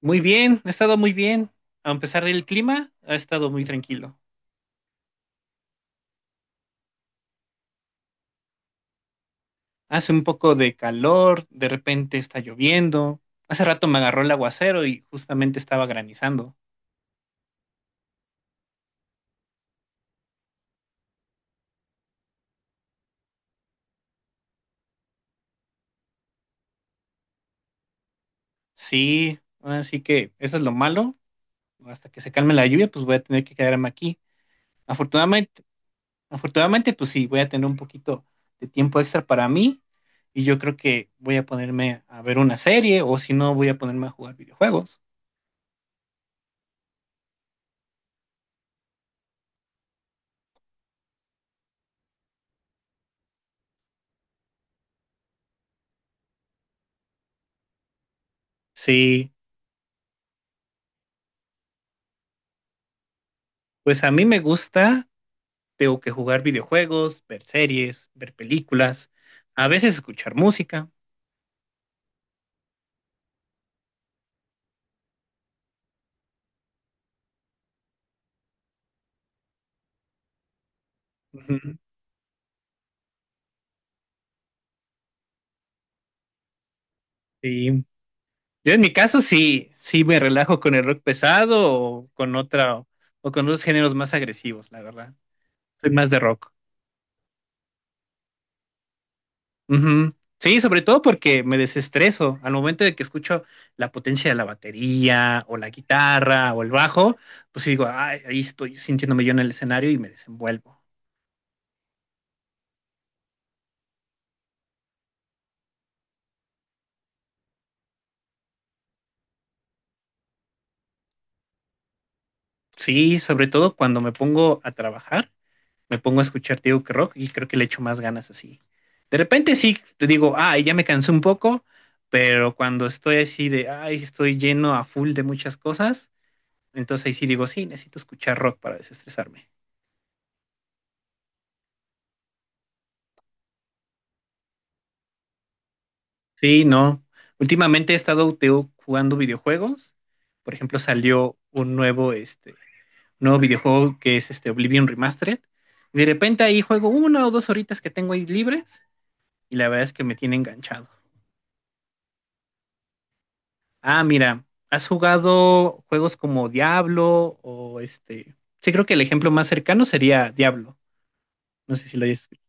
Muy bien, ha estado muy bien. A pesar del clima, ha estado muy tranquilo. Hace un poco de calor, de repente está lloviendo. Hace rato me agarró el aguacero y justamente estaba granizando. Sí, así que eso es lo malo. Hasta que se calme la lluvia, pues voy a tener que quedarme aquí. Afortunadamente, afortunadamente, pues sí, voy a tener un poquito de tiempo extra para mí y yo creo que voy a ponerme a ver una serie o si no, voy a ponerme a jugar videojuegos. Sí, pues a mí me gusta. Tengo que jugar videojuegos, ver series, ver películas, a veces escuchar música. Ujú. Sí. Yo en mi caso sí, sí me relajo con el rock pesado o con otra o con otros géneros más agresivos, la verdad. Soy más de rock. Ujú. Sí, sobre todo porque me desestreso al momento de que escucho la potencia de la batería o la guitarra o el bajo, pues digo, "Ay, ahí estoy sintiéndome yo en el escenario y me desenvuelvo." Sí, sobre todo cuando me pongo a trabajar me pongo a escuchar, te digo que rock y creo que le echo más ganas así. De repente sí, te digo, ay, ya me cansé un poco, pero cuando estoy así de, ay, estoy lleno a full de muchas cosas, entonces ahí sí digo, sí, necesito escuchar rock para desestresarme. Sí, no. Últimamente he estado te digo, jugando videojuegos. Por ejemplo, salió un nuevo videojuego que es este Oblivion Remastered. De repente ahí juego una o dos horitas que tengo ahí libres y la verdad es que me tiene enganchado. Ah, mira, ¿has jugado juegos como Diablo o este? Sí, creo que el ejemplo más cercano sería Diablo. No sé si lo hayas escuchado.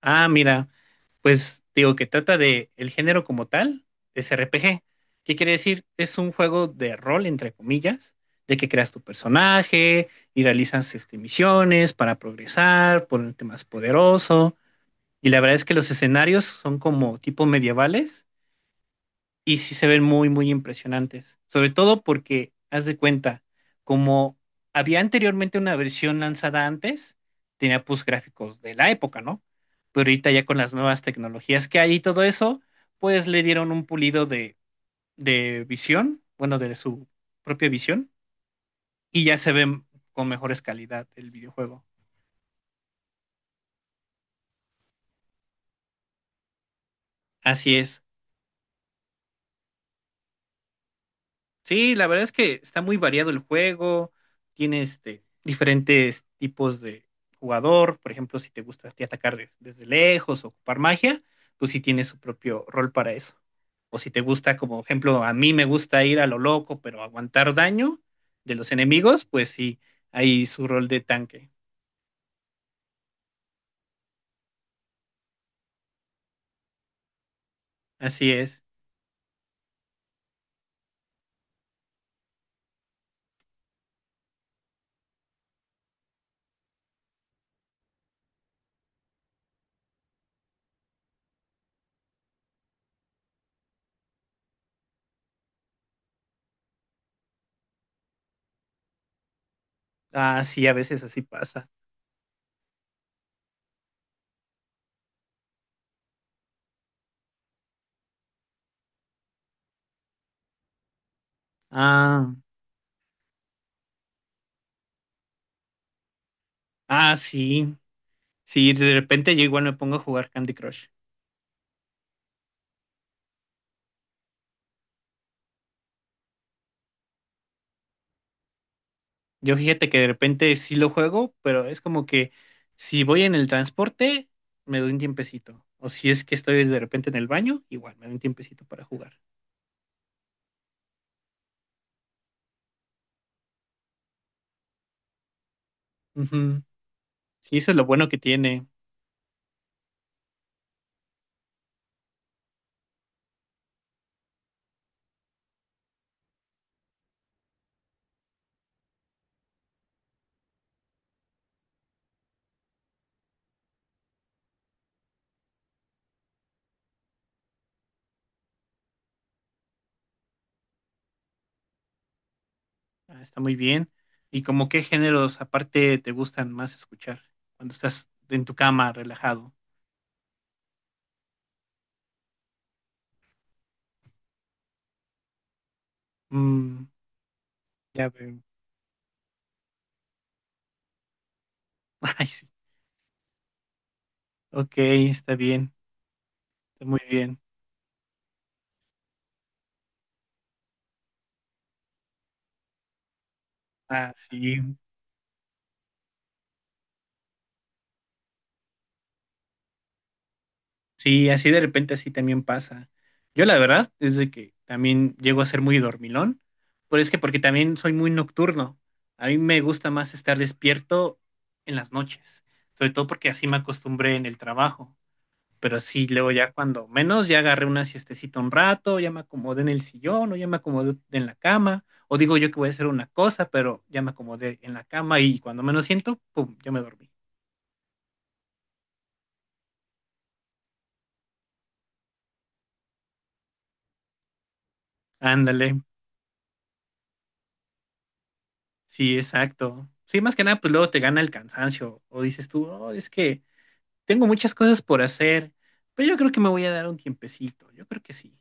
Ah, mira, pues digo que trata de el género como tal, es RPG. ¿Qué quiere decir? Es un juego de rol, entre comillas, de que creas tu personaje y realizas misiones para progresar, ponerte más poderoso. Y la verdad es que los escenarios son como tipo medievales y sí se ven muy, muy impresionantes. Sobre todo porque, haz de cuenta, como había anteriormente una versión lanzada antes, tenía pues gráficos de la época, ¿no? Pero ahorita ya con las nuevas tecnologías que hay y todo eso, pues le dieron un pulido de visión, bueno, de su propia visión, y ya se ven con mejores calidad el videojuego. Así es. Sí, la verdad es que está muy variado el juego, tiene diferentes tipos de jugador. Por ejemplo, si te gusta a ti atacar desde lejos o ocupar magia, pues sí tiene su propio rol para eso. O si te gusta, como ejemplo, a mí me gusta ir a lo loco, pero aguantar daño de los enemigos, pues sí, hay su rol de tanque. Así es. Ah, sí, a veces así pasa. Ah, ah, sí. Sí, de repente yo igual me pongo a jugar Candy Crush. Yo fíjate que de repente sí lo juego, pero es como que si voy en el transporte, me doy un tiempecito. O si es que estoy de repente en el baño, igual me doy un tiempecito para jugar. Ujú. Sí, eso es lo bueno que tiene. Ah, está muy bien. ¿Y como qué géneros aparte te gustan más escuchar cuando estás en tu cama relajado? Mm, ya veo. Ay, sí. Ok, está bien. Está muy bien. Ah, sí. Sí, así de repente así también pasa. Yo la verdad es de que también llego a ser muy dormilón, pero es que porque también soy muy nocturno. A mí me gusta más estar despierto en las noches, sobre todo porque así me acostumbré en el trabajo. Pero sí, luego ya cuando menos ya agarré una siestecita un rato, ya me acomodé en el sillón o ya me acomodé en la cama, o digo yo que voy a hacer una cosa, pero ya me acomodé en la cama y cuando menos siento, pum, ya me dormí. Ándale. Sí, exacto. Sí, más que nada, pues luego te gana el cansancio o dices tú, "Oh, es que tengo muchas cosas por hacer, pero yo creo que me voy a dar un tiempecito, yo creo que sí."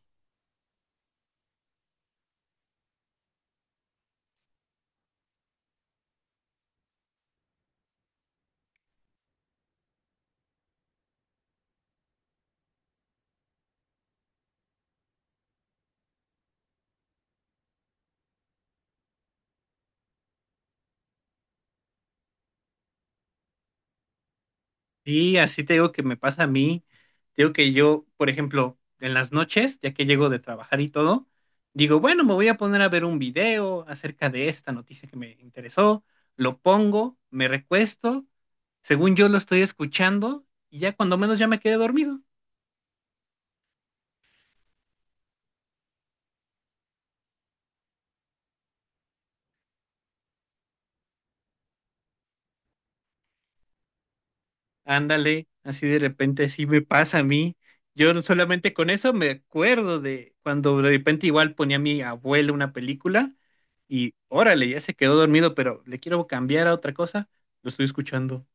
Y así te digo que me pasa a mí, te digo que yo, por ejemplo, en las noches, ya que llego de trabajar y todo, digo, bueno, me voy a poner a ver un video acerca de esta noticia que me interesó, lo pongo, me recuesto, según yo lo estoy escuchando y ya cuando menos ya me quedé dormido. Ándale, así de repente así me pasa a mí. Yo no- Solamente con eso me acuerdo de cuando de repente igual ponía a mi abuelo una película y órale, ya se quedó dormido, pero le quiero cambiar a otra cosa, lo estoy escuchando.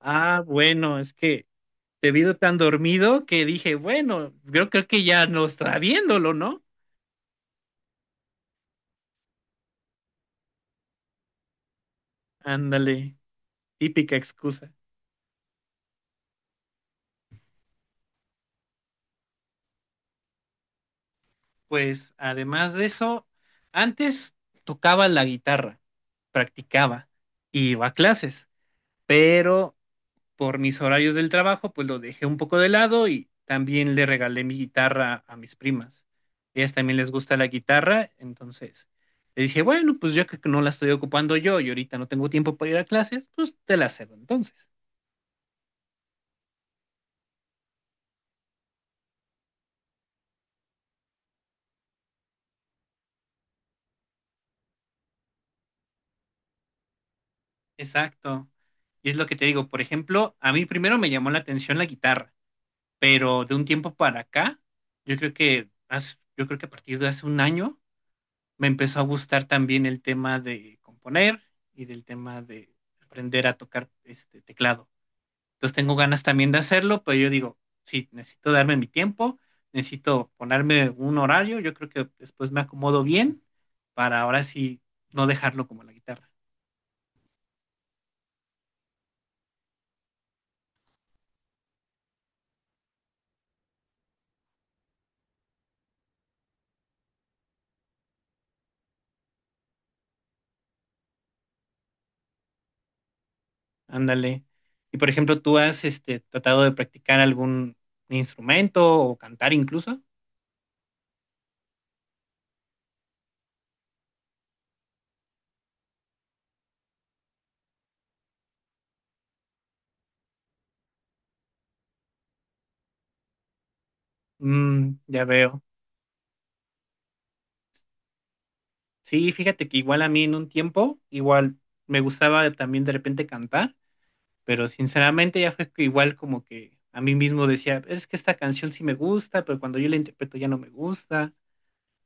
Ah, bueno, es que te vi tan dormido que dije, bueno, creo que ya no está viéndolo, ¿no? Ándale, típica excusa. Pues además de eso, antes tocaba la guitarra, practicaba, iba a clases. Pero por mis horarios del trabajo, pues lo dejé un poco de lado y también le regalé mi guitarra a mis primas. Ellas también les gusta la guitarra, entonces le dije, bueno, pues ya que no la estoy ocupando yo y ahorita no tengo tiempo para ir a clases, pues te la cedo entonces. Exacto. Y es lo que te digo, por ejemplo, a mí primero me llamó la atención la guitarra, pero de un tiempo para acá, yo creo que, yo creo que a partir de hace un año, me empezó a gustar también el tema de componer y del tema de aprender a tocar este teclado. Entonces tengo ganas también de hacerlo, pero yo digo, sí, necesito darme mi tiempo, necesito ponerme un horario, yo creo que después me acomodo bien para ahora sí no dejarlo como la guitarra. Ándale. Y por ejemplo, ¿tú has tratado de practicar algún instrumento o cantar incluso? Mm, ya veo. Sí, fíjate que igual a mí en un tiempo, igual me gustaba también de repente cantar, pero sinceramente ya fue que igual como que a mí mismo decía, es que esta canción sí me gusta, pero cuando yo la interpreto ya no me gusta.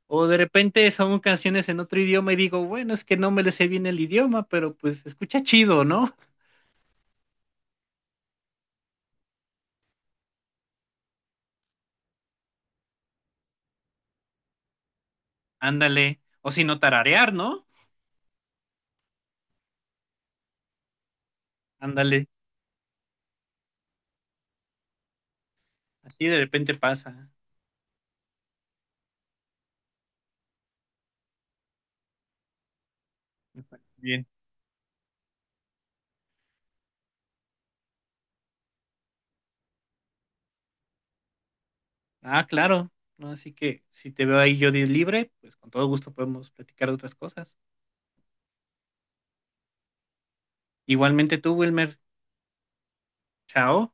O de repente son canciones en otro idioma y digo, bueno, es que no me le sé bien el idioma, pero pues se escucha chido, ¿no? Ándale. O si no tararear, ¿no? Ándale. Así de repente pasa. Me parece bien. Ah, claro. ¿No? Así que si te veo ahí yo di libre, pues con todo gusto podemos platicar de otras cosas. Igualmente tú, Wilmer. Chao.